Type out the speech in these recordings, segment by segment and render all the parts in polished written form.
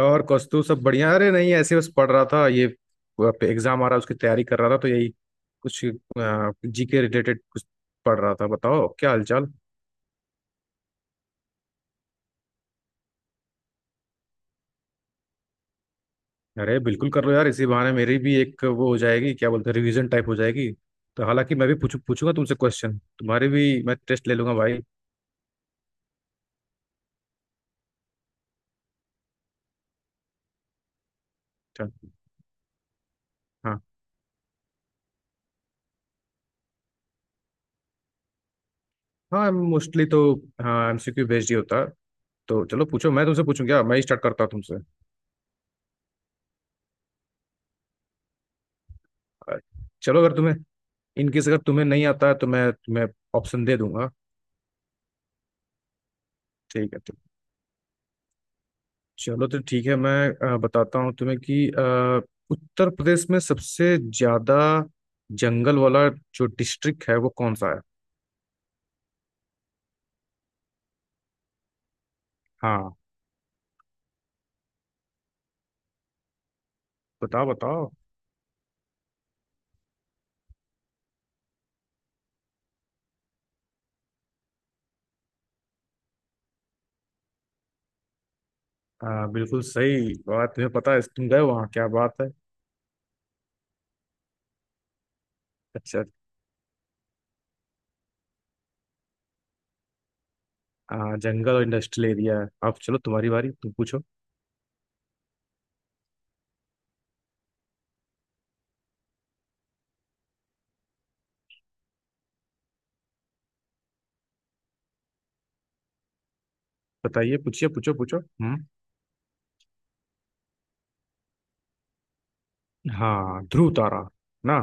और कौस्तु सब बढ़िया। अरे नहीं, ऐसे बस पढ़ रहा था। ये एग्जाम आ रहा है, उसकी तैयारी कर रहा था, तो यही कुछ जीके रिलेटेड कुछ पढ़ रहा था। बताओ क्या हालचाल। अरे बिल्कुल कर लो यार, इसी बहाने मेरी भी एक वो हो जाएगी, क्या बोलते हैं, रिवीजन टाइप हो जाएगी। तो हालांकि मैं भी पूछूंगा तुमसे क्वेश्चन, तुम्हारे भी मैं टेस्ट ले लूंगा भाई। चल। हाँ। हाँ मोस्टली तो हाँ, एमसीक्यू बेस्ड ही होता है। तो चलो पूछो, मैं तुमसे पूछूं, क्या मैं ही स्टार्ट करता हूँ तुमसे। अ, चलो, अगर तुम्हें इनकेस अगर तुम्हें नहीं आता है तो मैं तुम्हें ऑप्शन दे दूंगा। ठीक है। चलो तो ठीक है, मैं बताता हूँ तुम्हें कि उत्तर प्रदेश में सबसे ज्यादा जंगल वाला जो डिस्ट्रिक्ट है वो कौन सा है। हाँ, बताओ बताओ। बिल्कुल सही बात। तुम्हें पता है, तुम गए वहाँ, क्या बात है। अच्छा। जंगल और इंडस्ट्रियल एरिया है। अब चलो तुम्हारी बारी, तुम पूछो। बताइए, पूछिए, पूछो पूछो। हम्म। हाँ, ध्रुव तारा। ना।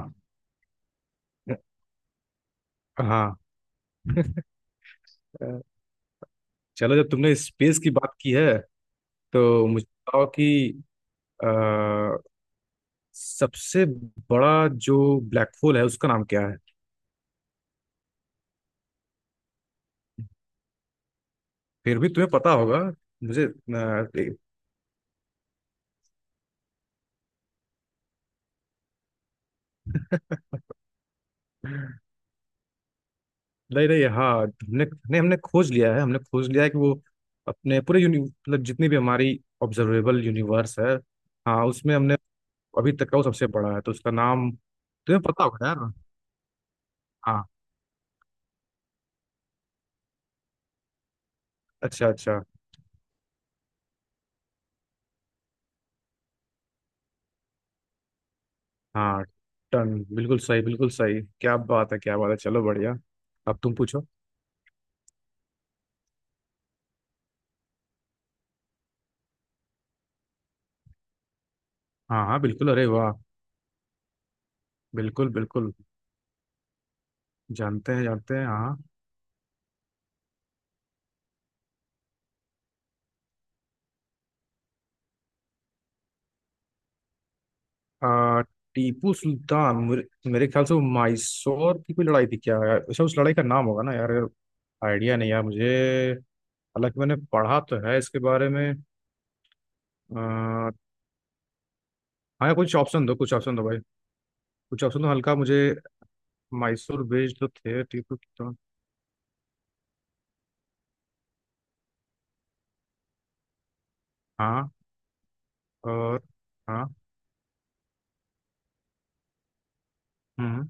हाँ। अ, चलो, जब तुमने स्पेस की बात की है तो मुझे बताओ कि अ, सबसे बड़ा जो ब्लैक होल है उसका नाम क्या है। फिर भी तुम्हें पता होगा। मुझे अ, नहीं नहीं, हाँ, हमने हमने हमने खोज लिया है, हमने खोज लिया है कि वो अपने पूरे यूनि मतलब जितनी भी हमारी ऑब्जर्वेबल यूनिवर्स है, हाँ, उसमें हमने अभी तक का वो सबसे बड़ा है। तो उसका नाम तुम्हें पता होगा यार। हाँ। अच्छा अच्छा। हाँ, टन, बिल्कुल सही, बिल्कुल सही, क्या बात है, क्या बात है, चलो बढ़िया। अब तुम पूछो। हाँ हाँ बिल्कुल, अरे वाह। बिल्कुल बिल्कुल, जानते हैं हाँ। आ, टीपू सुल्तान मेरे ख्याल से वो माइसोर की कोई लड़ाई थी क्या यार। अच्छा, उस लड़ाई का नाम होगा ना यार। आइडिया नहीं यार मुझे। हालांकि मैंने पढ़ा तो है इसके बारे में। हाँ, यार कुछ ऑप्शन दो, कुछ ऑप्शन दो भाई, कुछ ऑप्शन दो हल्का मुझे। माइसोर बेस्ड तो थे टीपू सुल्तान। हाँ। और। हाँ। हम्म।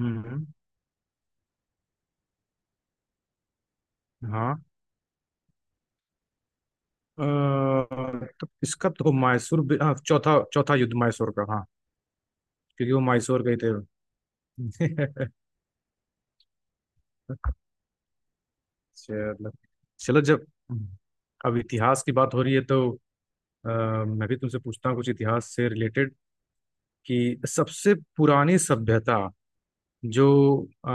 हम्म। हाँ। अ, तो इसका तो मायसूर, हाँ, चौथा, चौथा युद्ध मायसूर का, हाँ। क्योंकि वो मायसूर गए थे। चलो। चलो, जब अब इतिहास की बात हो रही है तो मैं भी तुमसे पूछता हूँ कुछ इतिहास से रिलेटेड, कि सबसे पुरानी सभ्यता जो अ,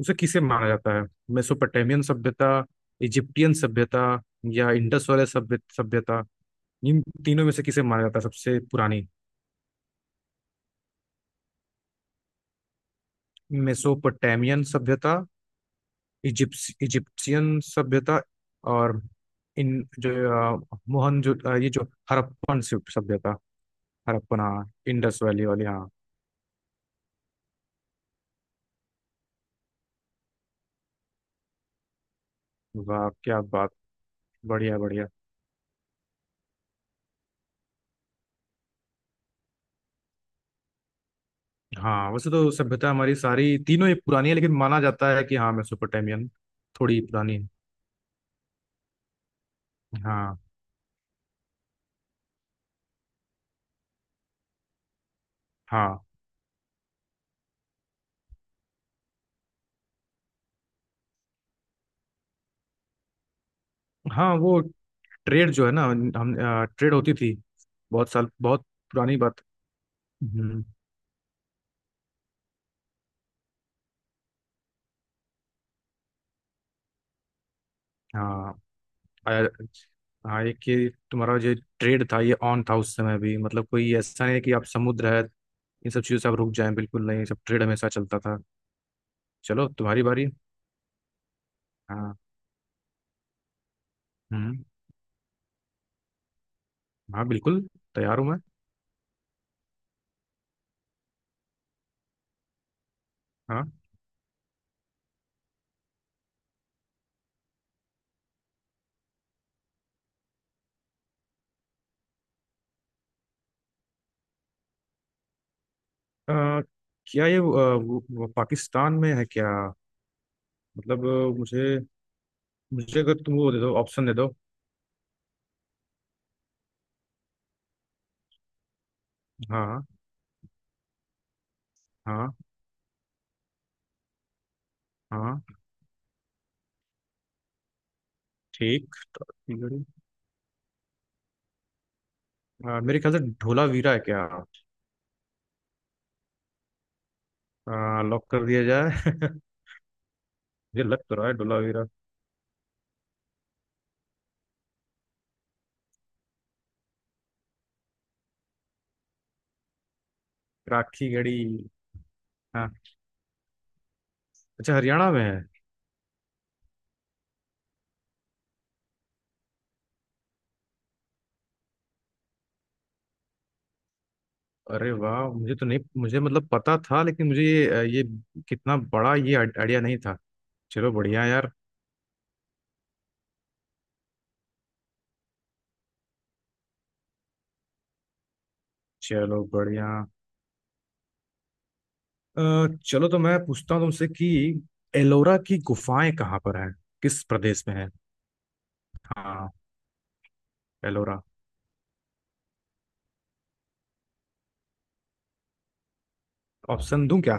उसे किसे माना जाता है, मेसोपोटामियन सभ्यता, इजिप्टियन सभ्यता या इंडस वाले सभ्यता, इन तीनों में से किसे माना जाता है सबसे पुरानी। मेसोपोटामियन सभ्यता, इजिप्स इजिप्शियन सभ्यता और इन जो अ, मोहन जो अ, ये जो हड़प्पन सभ्यता। हड़प्पन, हाँ, इंडस वैली वाली, हाँ। वाह क्या बात, बढ़िया बढ़िया। हाँ, वैसे तो सभ्यता हमारी सारी तीनों ही पुरानी है, लेकिन माना जाता है कि हाँ, मेसोपोटामियन थोड़ी पुरानी है। हाँ हाँ। हाँ, वो ट्रेड जो है ना, हम ट्रेड होती थी। बहुत साल, बहुत पुरानी बात। हम्म। हाँ। आया। हाँ, ये कि तुम्हारा जो ट्रेड था ये ऑन था उस समय भी, मतलब कोई ऐसा नहीं है कि आप समुद्र है इन सब चीज़ों से आप रुक जाएं, बिल्कुल नहीं, सब ट्रेड हमेशा चलता था। चलो तुम्हारी बारी। हाँ। हम्म। हाँ बिल्कुल, तैयार हूँ मैं। हाँ। अ, क्या ये वो पाकिस्तान में है क्या। मतलब अ, मुझे मुझे अगर तुम वो दे दो, ऑप्शन दे दो। हाँ। हाँ। हाँ। ठीक। ठीक है। मेरे ख्याल से ढोलावीरा है क्या। लॉक कर दिया जाए। मुझे लग तो रहा है ढोलावीरा। राखी गढ़ी, हाँ। अच्छा, हरियाणा में है। अरे वाह, मुझे तो नहीं, मुझे मतलब पता था, लेकिन मुझे ये कितना बड़ा ये आइडिया नहीं था। चलो बढ़िया यार। चलो बढ़िया। अ, चलो, तो मैं पूछता हूँ तुमसे कि एलोरा की गुफाएं कहाँ पर हैं, किस प्रदेश में है। हाँ एलोरा। ऑप्शन दूं क्या।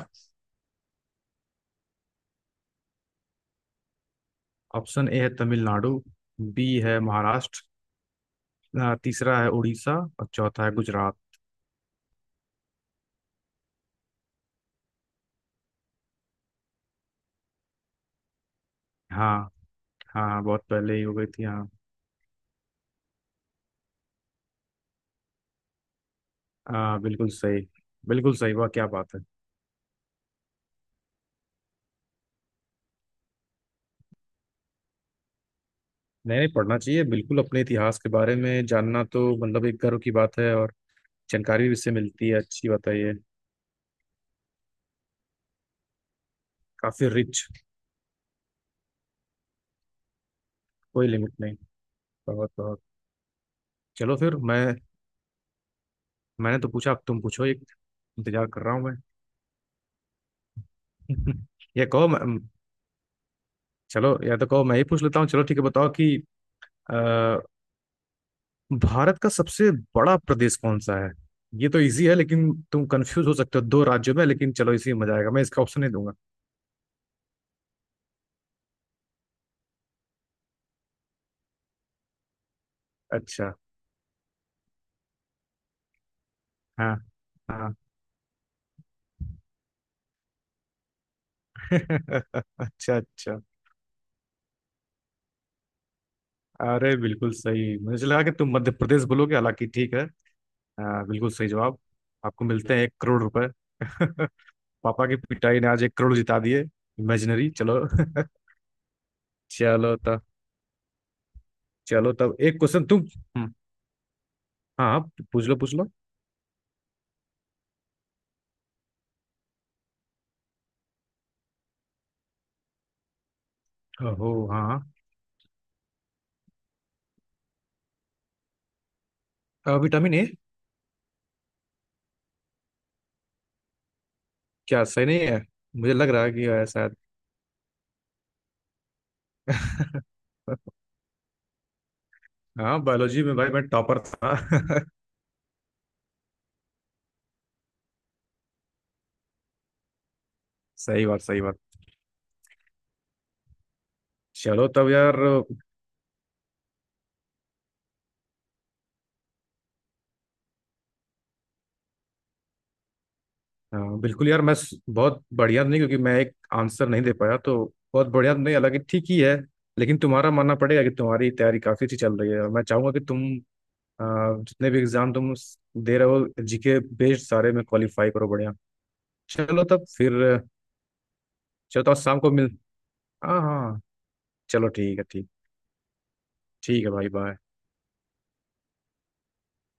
ऑप्शन ए है तमिलनाडु, बी है महाराष्ट्र, तीसरा है उड़ीसा और चौथा है गुजरात। हाँ। हाँ। हाँ, बहुत पहले ही हो गई थी, हाँ। हाँ, बिल्कुल सही, बिल्कुल सही, वाह क्या बात है। नहीं नहीं, पढ़ना चाहिए बिल्कुल, अपने इतिहास के बारे में जानना तो मतलब एक गर्व की बात है, और जानकारी भी इससे मिलती है, अच्छी बात है ये। काफी रिच। कोई लिमिट नहीं। बहुत बहुत। चलो, फिर मैं, मैंने तो पूछा, अब तुम पूछो एक, इंतजार कर रहा हूँ मैं। या कहो मैं। चलो, या तो कहो मैं ही पूछ लेता हूँ। चलो ठीक है, बताओ कि अ, भारत का सबसे बड़ा प्रदेश कौन सा है। ये तो इजी है लेकिन तुम कंफ्यूज हो सकते हो दो राज्यों में, लेकिन चलो, इसी में मजा आएगा, मैं इसका ऑप्शन नहीं दूंगा। अच्छा, हाँ हाँ। अच्छा अच्छा। अरे बिल्कुल सही, मुझे लगा कि तुम मध्य प्रदेश बोलोगे, हालांकि ठीक है। हाँ, बिल्कुल सही जवाब। आपको मिलते हैं ₹1 करोड़। पापा की पिटाई ने आज 1 करोड़ जिता दिए। इमेजिनरी, चलो। चलो तब। चलो तब एक क्वेश्चन तुम। हम्म। हाँ हाँ, पूछ लो पूछ लो। ओहो हाँ। Vitamin A. क्या सही नहीं है। मुझे लग रहा है कि है शायद। हाँ, बायोलॉजी में भाई मैं टॉपर था। सही बात, सही बात। चलो तब यार। हाँ, बिल्कुल यार, मैं स- बहुत बढ़िया नहीं, क्योंकि मैं एक आंसर नहीं दे पाया तो बहुत बढ़िया नहीं, हालांकि ठीक ही है। लेकिन तुम्हारा मानना पड़ेगा कि तुम्हारी तैयारी काफी अच्छी चल रही है, और मैं चाहूंगा कि तुम अ, जितने भी एग्जाम तुम स- दे रहे हो जीके बेस्ड, सारे में क्वालिफाई करो, बढ़िया। चलो तब फिर। चलो तो आज शाम को मिल। हाँ हाँ। चलो ठीक है, ठीक। ठीक है भाई, बाय।